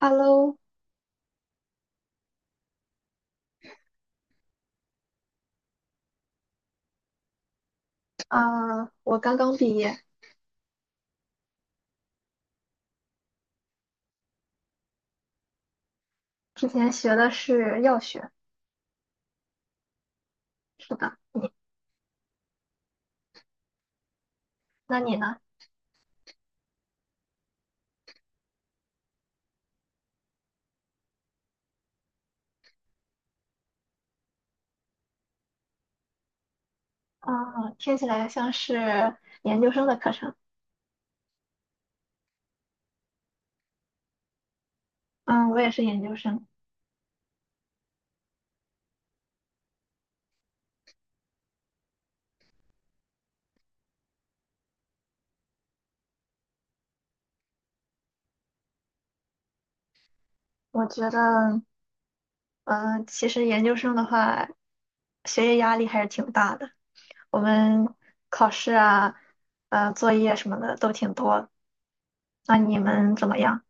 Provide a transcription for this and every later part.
Hello，啊，我刚刚毕业，之前学的是药学，是的。那你呢？啊，听起来像是研究生的课程。嗯，我也是研究生。我觉得，嗯，其实研究生的话，学业压力还是挺大的。我们考试啊，作业什么的都挺多。那你们怎么样？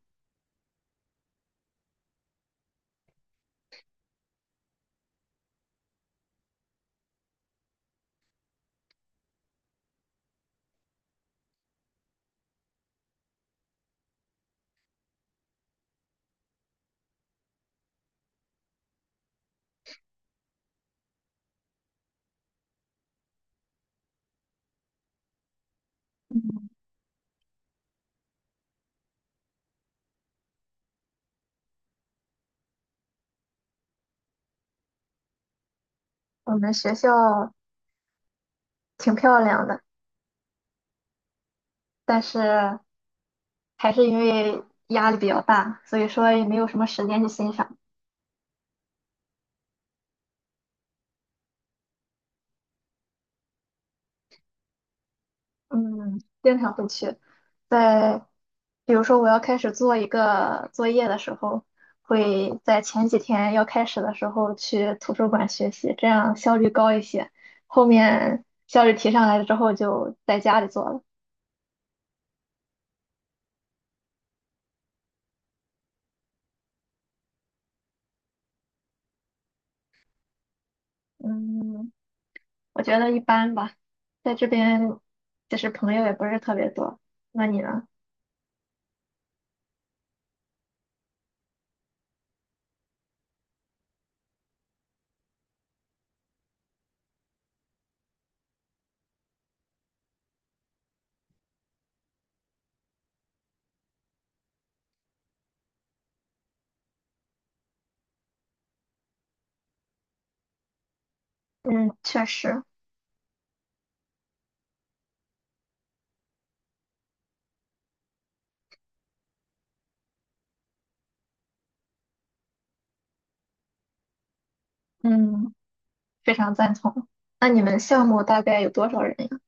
我们学校挺漂亮的，但是还是因为压力比较大，所以说也没有什么时间去欣赏。嗯，经常会去。在比如说我要开始做一个作业的时候，会在前几天要开始的时候去图书馆学习，这样效率高一些。后面效率提上来了之后，就在家里做了。嗯，我觉得一般吧，在这边就是朋友也不是特别多。那你呢？嗯，确实，嗯，非常赞同。那你们项目大概有多少人呀？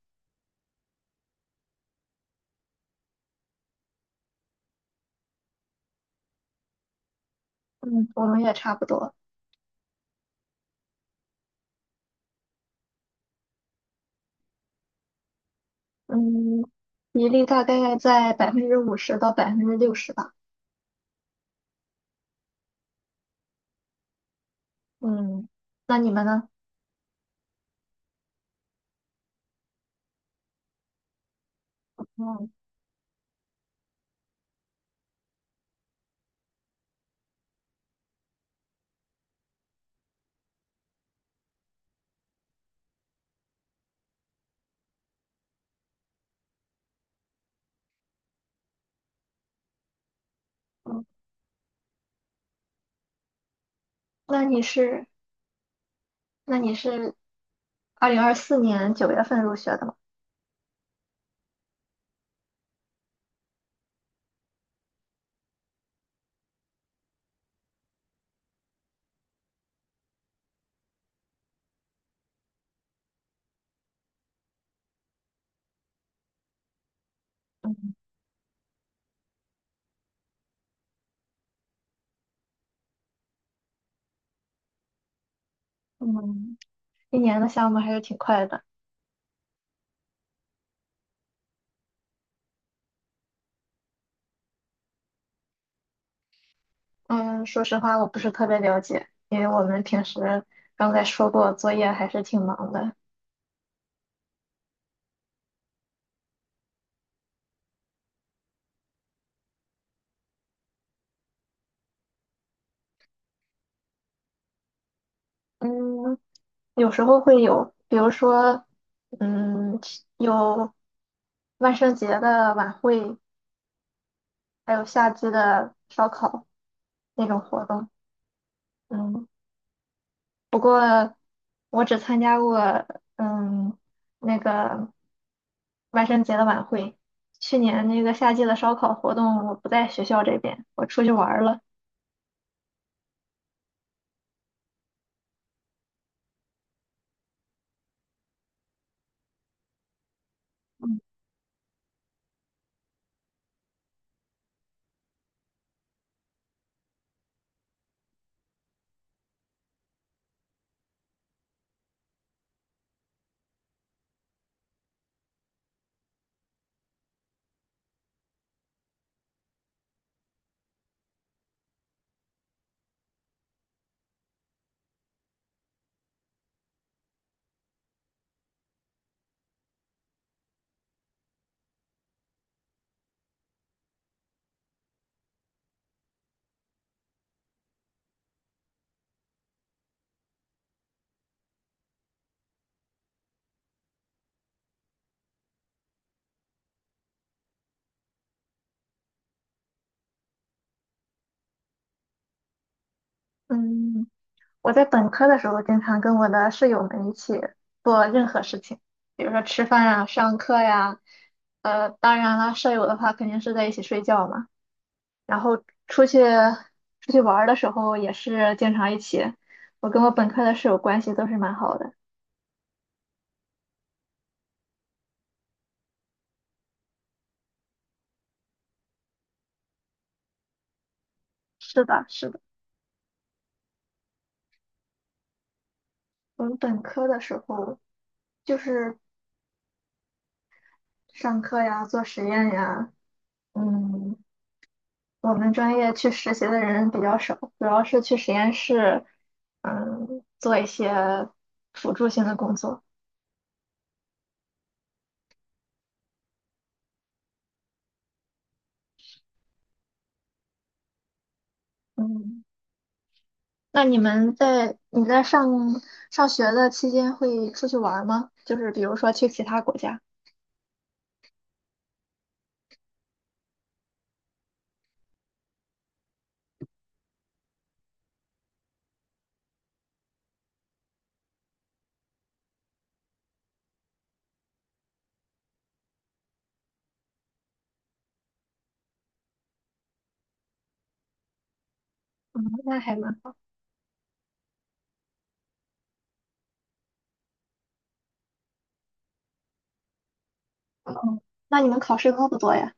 嗯，我们也差不多。嗯，比例大概在50%到60%吧。嗯，那你们呢？嗯嗯，那你是那你是2024年九月份入学的吗？嗯嗯，一年的项目还是挺快的。嗯，说实话，我不是特别了解，因为我们平时刚才说过，作业还是挺忙的。嗯，有时候会有，比如说，嗯，有万圣节的晚会，还有夏季的烧烤，那种活动。嗯，不过我只参加过嗯那个万圣节的晚会。去年那个夏季的烧烤活动，我不在学校这边，我出去玩儿了。嗯，我在本科的时候经常跟我的室友们一起做任何事情，比如说吃饭啊、上课呀。当然了，舍友的话肯定是在一起睡觉嘛。然后出去出去玩儿的时候也是经常一起。我跟我本科的室友关系都是蛮好的。是的，是的，我们本科的时候就是上课呀、做实验呀，嗯，我们专业去实习的人比较少，主要是去实验室做一些辅助性的工作。嗯，那你在上学的期间会出去玩儿吗？就是比如说去其他国家？嗯，那还蛮好。嗯，那你们考试多不多呀？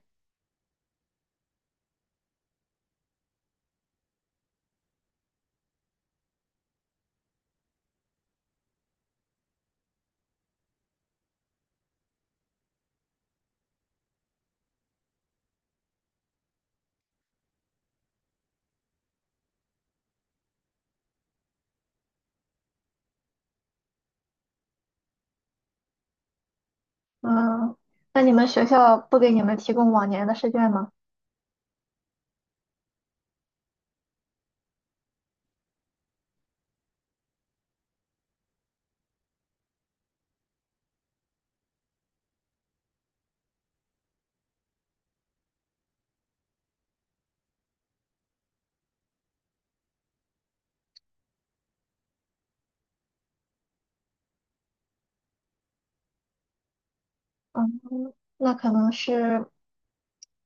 嗯，那你们学校不给你们提供往年的试卷吗？嗯，那可能是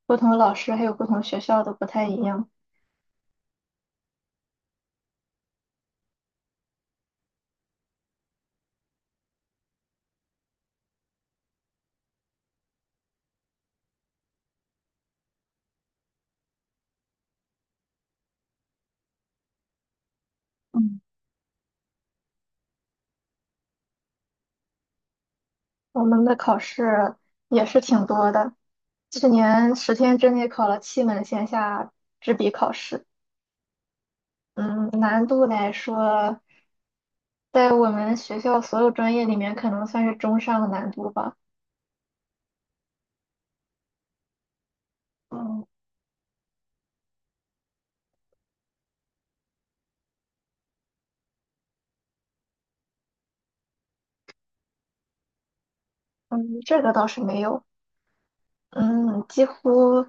不同的老师还有不同学校都不太一样。嗯，我们的考试也是挺多的，去年10天之内考了七门线下纸笔考试。嗯，难度来说，在我们学校所有专业里面，可能算是中上的难度吧。嗯嗯，这个倒是没有。嗯，几乎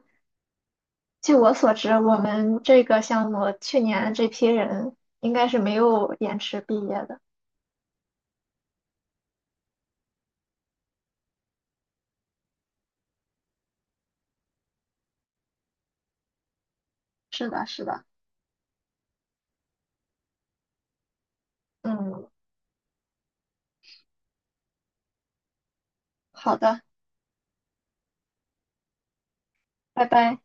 据我所知，我们这个项目去年这批人应该是没有延迟毕业的。是的，是的。嗯，好的，拜拜。